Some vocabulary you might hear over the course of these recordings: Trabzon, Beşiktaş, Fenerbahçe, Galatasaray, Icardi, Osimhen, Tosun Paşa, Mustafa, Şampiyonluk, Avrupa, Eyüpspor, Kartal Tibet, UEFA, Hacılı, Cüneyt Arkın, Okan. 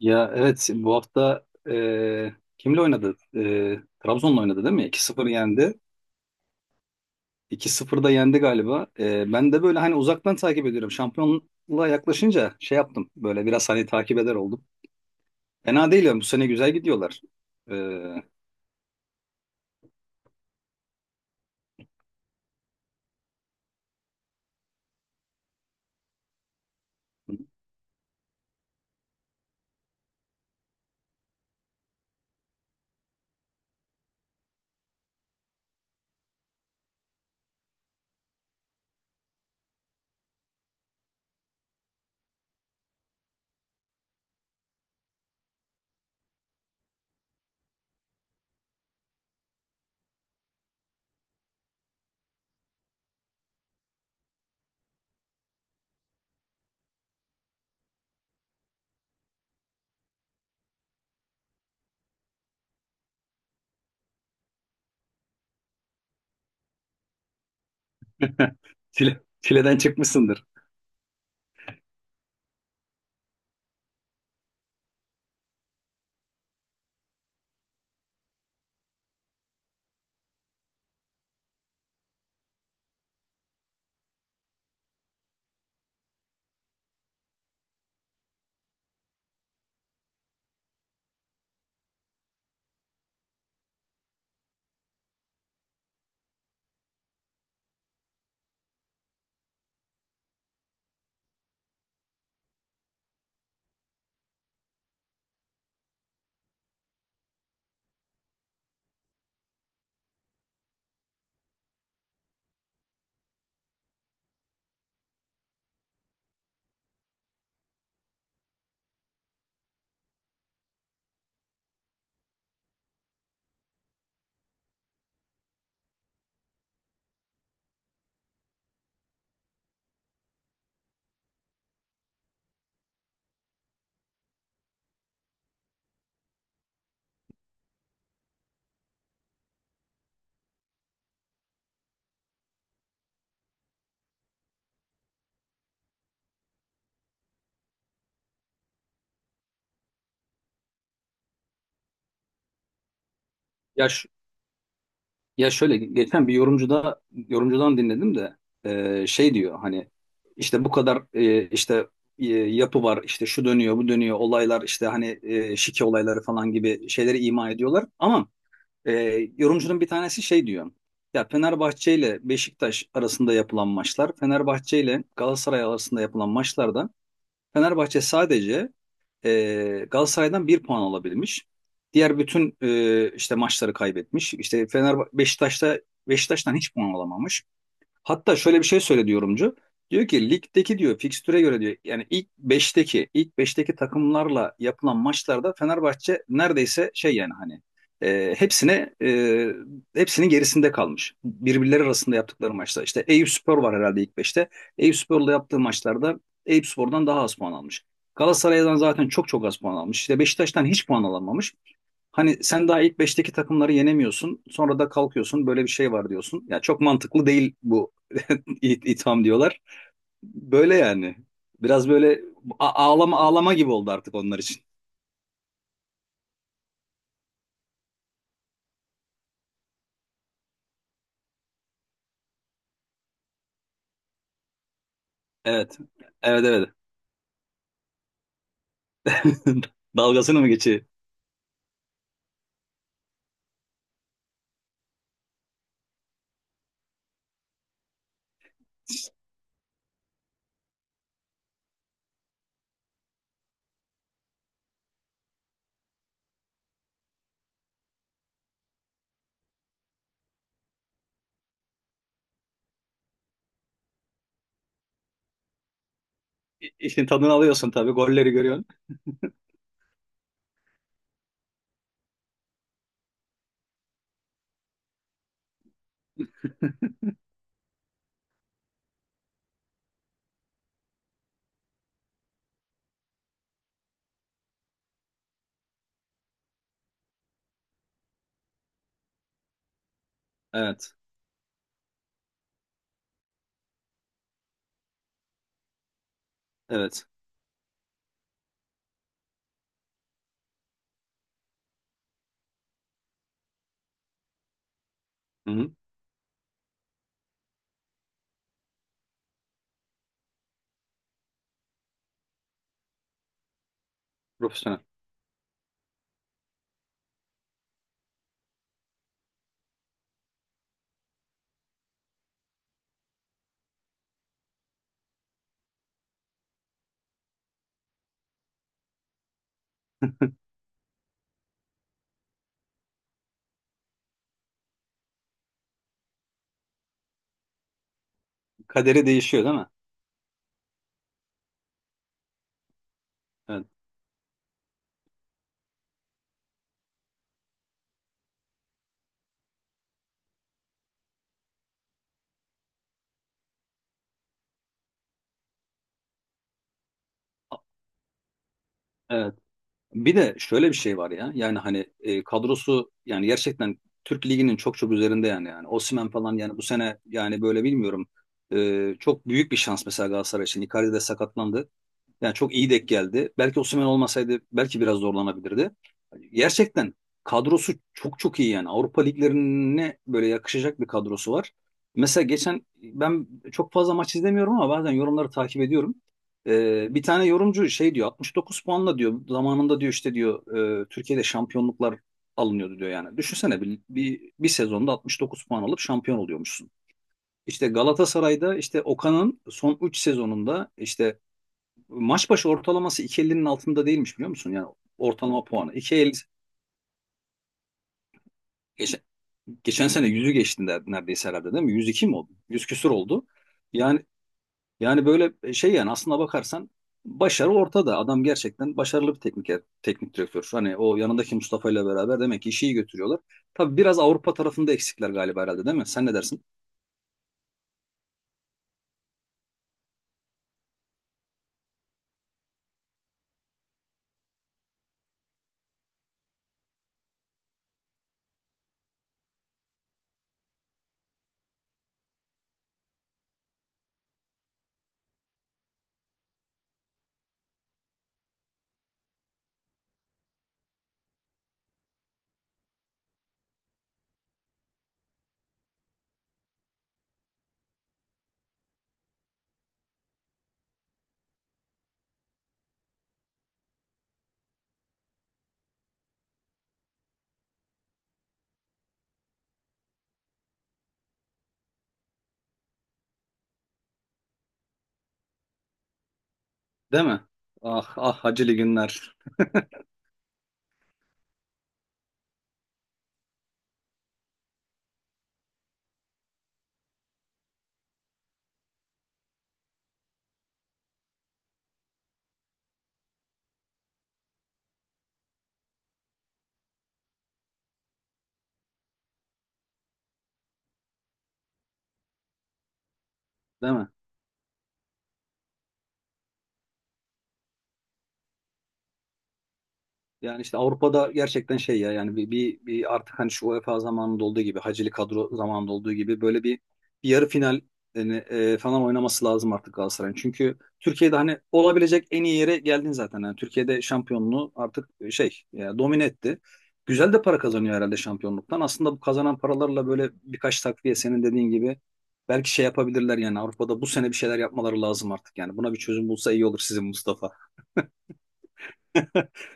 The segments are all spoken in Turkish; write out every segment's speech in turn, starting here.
Ya, evet, bu hafta kimle oynadı? Trabzon'la oynadı değil mi? 2 sıfır yendi. 2-0 da yendi galiba. Ben de böyle hani uzaktan takip ediyorum. Şampiyonluğa yaklaşınca şey yaptım. Böyle biraz hani takip eder oldum. Fena değil yani bu sene güzel gidiyorlar. E, çileden çıkmışsındır. Ya şu, Ya şöyle geçen bir yorumcudan dinledim de şey diyor hani işte bu kadar işte yapı var, işte şu dönüyor, bu dönüyor, olaylar işte, hani şike olayları falan gibi şeyleri ima ediyorlar, ama e, yorumcunun bir tanesi şey diyor: ya Fenerbahçe ile Beşiktaş arasında yapılan maçlar, Fenerbahçe ile Galatasaray arasında yapılan maçlarda Fenerbahçe sadece Galatasaray'dan bir puan alabilmiş. Diğer bütün işte maçları kaybetmiş. İşte Fener Beşiktaş'ta, Beşiktaş'tan hiç puan alamamış. Hatta şöyle bir şey söyledi yorumcu. Diyor ki ligdeki, diyor, fikstüre göre, diyor, yani ilk beşteki, ilk beşteki takımlarla yapılan maçlarda Fenerbahçe neredeyse şey, yani hani e, hepsine e, hepsinin gerisinde kalmış. Birbirleri arasında yaptıkları maçta. İşte Eyüpspor var herhalde ilk 5'te. Eyüpspor'la yaptığı maçlarda Eyüpspor'dan daha az puan almış. Galatasaray'dan zaten çok çok az puan almış. İşte Beşiktaş'tan hiç puan alamamış. Hani sen daha ilk beşteki takımları yenemiyorsun. Sonra da kalkıyorsun, böyle bir şey var diyorsun. Ya çok mantıklı değil bu. İ- itham diyorlar. Böyle yani. Biraz böyle ağlama ağlama gibi oldu artık onlar için. Evet. Evet, evet. Dalgasını mı geçiyor? İşin tadını alıyorsun tabii. Golleri görüyorsun. Evet. Evet. Hı-hı. Profesyonel. Kaderi değişiyor değil mi? Evet. A- Evet. Bir de şöyle bir şey var ya. Yani hani kadrosu yani gerçekten Türk Ligi'nin çok çok üzerinde yani. Yani Osimhen falan yani bu sene yani böyle bilmiyorum. Çok büyük bir şans mesela Galatasaray için. Icardi de sakatlandı. Yani çok iyi denk geldi. Belki Osimhen olmasaydı belki biraz zorlanabilirdi. Gerçekten kadrosu çok çok iyi yani. Avrupa liglerine böyle yakışacak bir kadrosu var. Mesela geçen ben çok fazla maç izlemiyorum ama bazen yorumları takip ediyorum. Bir tane yorumcu şey diyor, 69 puanla, diyor, zamanında, diyor, işte, diyor, Türkiye'de şampiyonluklar alınıyordu, diyor yani. Düşünsene, bir sezonda 69 puan alıp şampiyon oluyormuşsun. İşte Galatasaray'da işte Okan'ın son 3 sezonunda işte maç başı ortalaması 2,50'nin altında değilmiş, biliyor musun? Yani ortalama puanı 2,50. geçen, geçen sene 100'ü geçti, neredeyse herhalde, değil mi? 102 mi oldu? 100 küsur oldu. Yani yani böyle şey, yani aslına bakarsan başarı ortada. Adam gerçekten başarılı bir teknik direktör. Hani o yanındaki Mustafa ile beraber demek ki işi iyi götürüyorlar. Tabii biraz Avrupa tarafında eksikler galiba herhalde, değil mi? Sen ne dersin? Değil mi? Ah ah, Hacılı günler. Değil mi? Yani işte Avrupa'da gerçekten şey ya, yani bir artık, hani şu UEFA zamanında olduğu gibi, Hacili kadro zamanında olduğu gibi, böyle bir yarı final yani, falan oynaması lazım artık Galatasaray'ın. Çünkü Türkiye'de hani olabilecek en iyi yere geldin zaten. Yani Türkiye'de şampiyonluğu artık şey, domine etti. Güzel de para kazanıyor herhalde şampiyonluktan. Aslında bu kazanan paralarla böyle birkaç takviye, senin dediğin gibi, belki şey yapabilirler yani. Avrupa'da bu sene bir şeyler yapmaları lazım artık. Yani buna bir çözüm bulsa iyi olur sizin Mustafa.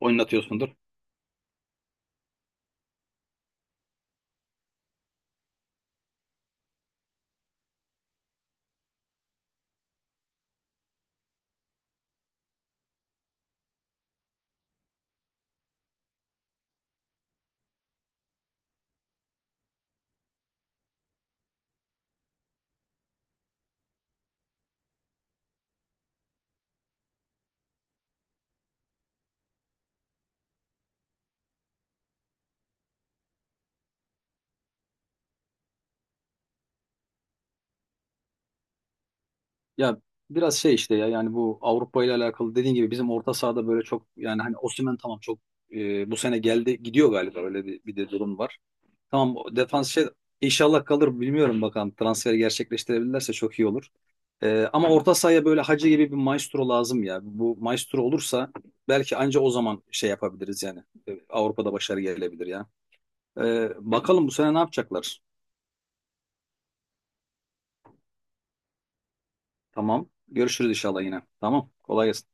Oynatıyorsundur. Ya biraz şey işte, ya yani bu Avrupa ile alakalı, dediğin gibi bizim orta sahada böyle çok, yani hani Osimhen tamam, çok bu sene geldi gidiyor galiba, öyle bir de durum var. Tamam, o defans şey, inşallah kalır, bilmiyorum, bakalım transferi gerçekleştirebilirlerse çok iyi olur. Ama orta sahaya böyle Hacı gibi bir maestro lazım ya. Bu maestro olursa belki anca o zaman şey yapabiliriz yani. Avrupa'da başarı gelebilir ya. Bakalım bu sene ne yapacaklar? Tamam, görüşürüz inşallah yine. Tamam, kolay gelsin.